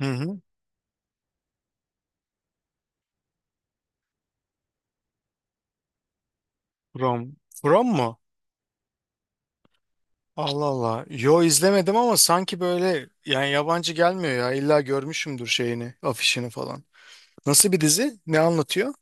Hı hı. From. From mu? Allah Allah. Yo izlemedim ama sanki böyle yani yabancı gelmiyor ya. İlla görmüşümdür şeyini, afişini falan. Nasıl bir dizi? Ne anlatıyor?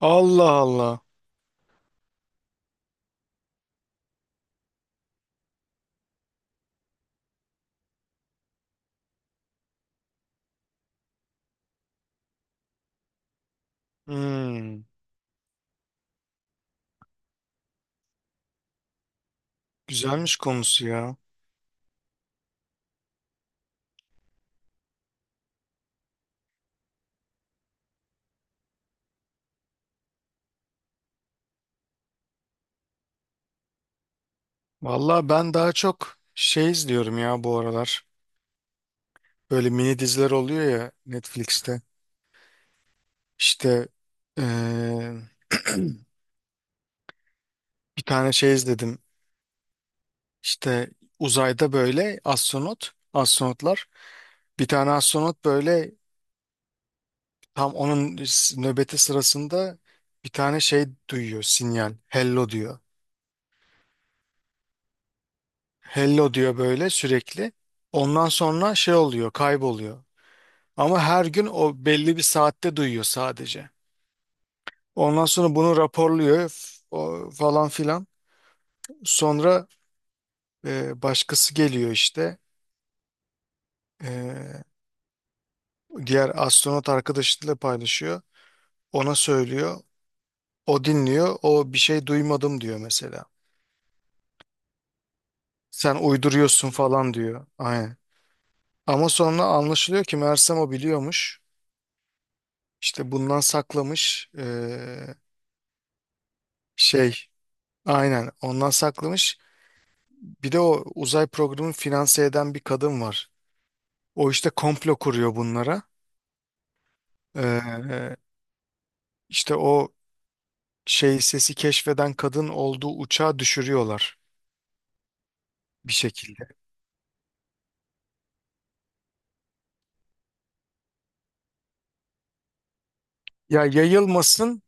Allah Allah. Hmm, güzelmiş konusu ya. Valla ben daha çok şey izliyorum ya bu aralar. Böyle mini diziler oluyor ya Netflix'te. İşte eee, bir tane şey izledim. İşte uzayda böyle astronot, astronotlar. Bir tane astronot böyle tam onun nöbeti sırasında bir tane şey duyuyor, sinyal. Hello diyor. Hello diyor böyle sürekli. Ondan sonra şey oluyor, kayboluyor. Ama her gün o belli bir saatte duyuyor sadece. Ondan sonra bunu raporluyor, o falan filan. Sonra başkası geliyor işte. E, diğer astronot arkadaşıyla paylaşıyor. Ona söylüyor. O dinliyor. O bir şey duymadım diyor mesela. Sen uyduruyorsun falan diyor. Aynen. Ama sonra anlaşılıyor ki Mersem o biliyormuş. İşte bundan saklamış. Şey, aynen ondan saklamış. Bir de o uzay programını finanse eden bir kadın var. O işte komplo kuruyor bunlara. Ee, işte o şey sesi keşfeden kadın olduğu uçağı düşürüyorlar bir şekilde. Ya yayılmasın,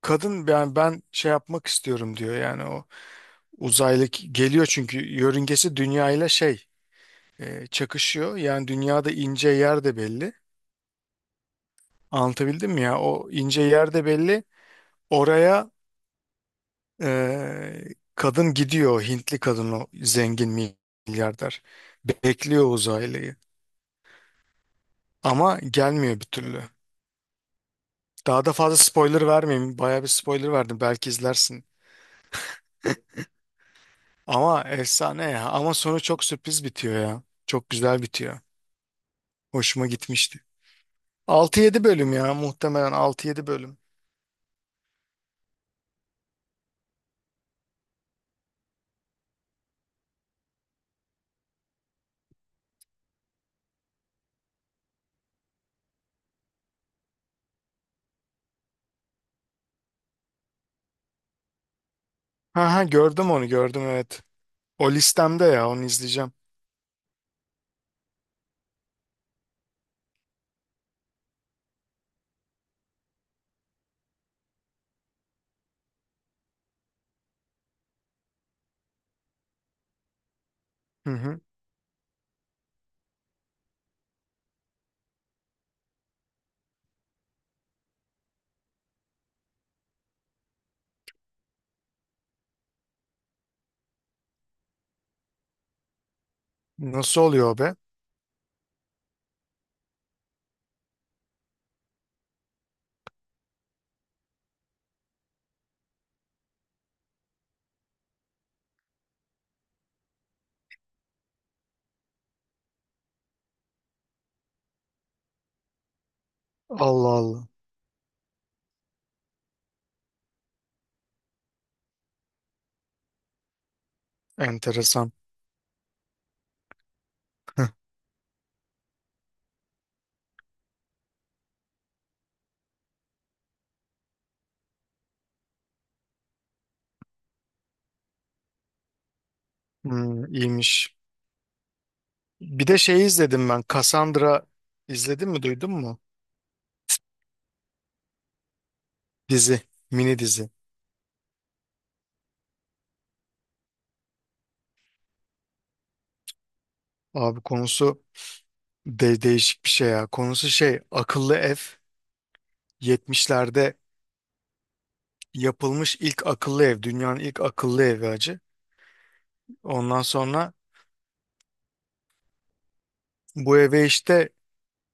kadın yani ben şey yapmak istiyorum diyor, yani o uzaylı geliyor çünkü yörüngesi dünya ile şey, çakışıyor. Yani dünyada ince yer de belli. Anlatabildim mi ya? O ince yer de belli. Oraya e, kadın gidiyor. Hintli kadın, o zengin milyarder. Bekliyor uzaylıyı. Ama gelmiyor bir türlü. Daha da fazla spoiler vermeyeyim. Bayağı bir spoiler verdim. Belki izlersin. Ama efsane ya. Ama sonu çok sürpriz bitiyor ya. Çok güzel bitiyor. Hoşuma gitmişti. Altı yedi bölüm ya, muhtemelen altı yedi bölüm. Ha ha, gördüm onu, gördüm evet. O listemde ya, onu izleyeceğim. Hı hı. Nasıl oluyor o be? Allah Allah. Enteresan. Hmm, iyiymiş. Bir de şeyi izledim ben. Cassandra, izledin mi, duydun mu? Dizi. Mini dizi. Abi konusu de değişik bir şey ya. Konusu şey, akıllı ev. 70'lerde yapılmış ilk akıllı ev. Dünyanın ilk akıllı evi acı. Ondan sonra bu eve işte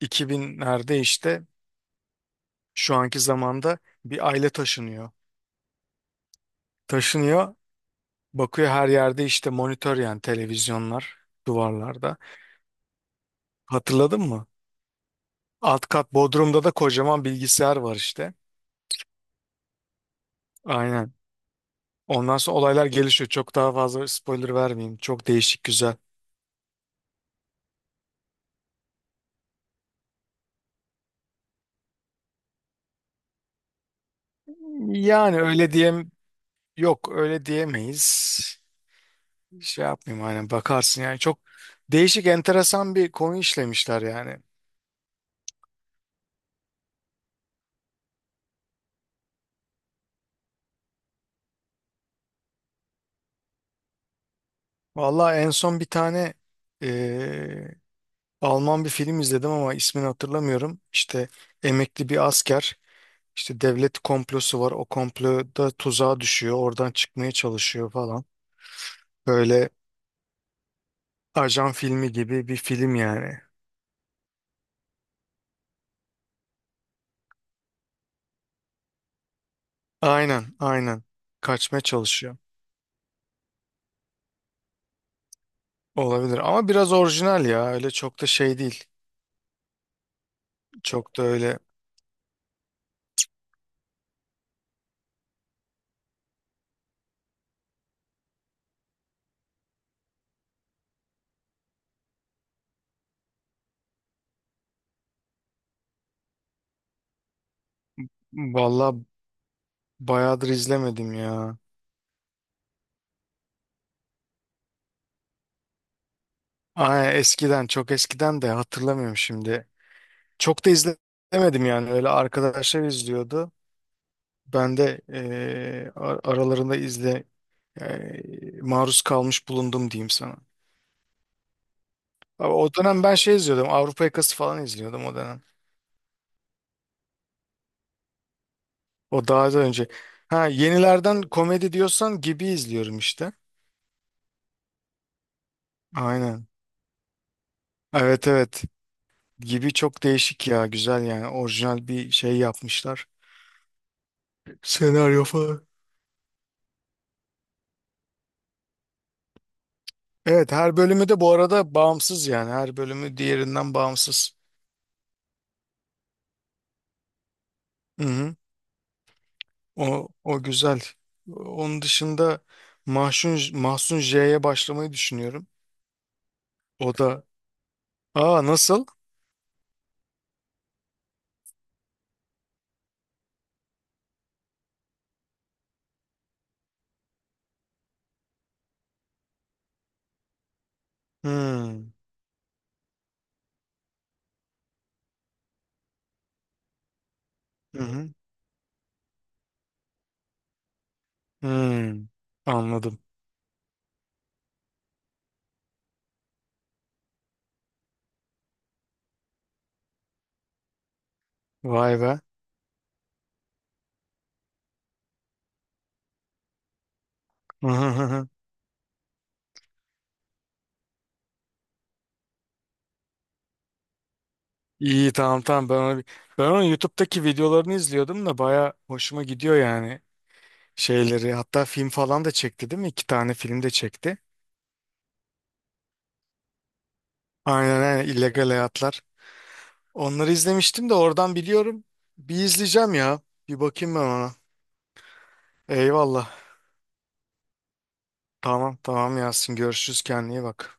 2000'lerde işte şu anki zamanda bir aile taşınıyor. Taşınıyor, bakıyor, her yerde işte monitör, yani televizyonlar duvarlarda. Hatırladın mı? Alt kat Bodrum'da da kocaman bilgisayar var işte. Aynen. Ondan sonra olaylar gelişiyor. Çok daha fazla spoiler vermeyeyim. Çok değişik, güzel. Yani öyle diyem, yok öyle diyemeyiz. Şey yapmayayım, aynen, bakarsın yani, çok değişik, enteresan bir konu işlemişler yani. Vallahi en son bir tane eee, Alman bir film izledim ama ismini hatırlamıyorum. İşte emekli bir asker. İşte devlet komplosu var. O komploda tuzağa düşüyor. Oradan çıkmaya çalışıyor falan. Böyle ajan filmi gibi bir film yani. Aynen, aynen. Kaçmaya çalışıyor. Olabilir ama biraz orijinal ya. Öyle çok da şey değil. Çok da öyle. Valla bayağıdır izlemedim ya. Aa, eskiden, çok eskiden, de hatırlamıyorum şimdi. Çok da izlemedim yani. Öyle arkadaşlar izliyordu. Ben de aralarında izle, e, maruz kalmış bulundum diyeyim sana. Abi o dönem ben şey izliyordum. Avrupa Yakası falan izliyordum o dönem. O daha da önce. Ha, yenilerden komedi diyorsan Gibi izliyorum işte. Aynen. Evet evet. Gibi çok değişik ya. Güzel yani. Orijinal bir şey yapmışlar. Senaryo falan. Evet, her bölümü de bu arada bağımsız yani. Her bölümü diğerinden bağımsız. Hı hı. O, o güzel. Onun dışında Mahsun J'ye başlamayı düşünüyorum. O da... Aa, nasıl? Hmm. Hı hı. Hmm. Anladım. Vay be. İyi, tamam tamam, ben onu, ben onun YouTube'daki videolarını izliyordum da baya hoşuma gidiyor yani şeyleri. Hatta film falan da çekti değil mi? İki tane film de çekti. Aynen aynen, illegal hayatlar. Onları izlemiştim de oradan biliyorum. Bir izleyeceğim ya. Bir bakayım ben ona. Eyvallah. Tamam tamam Yasin, görüşürüz, kendine iyi bak.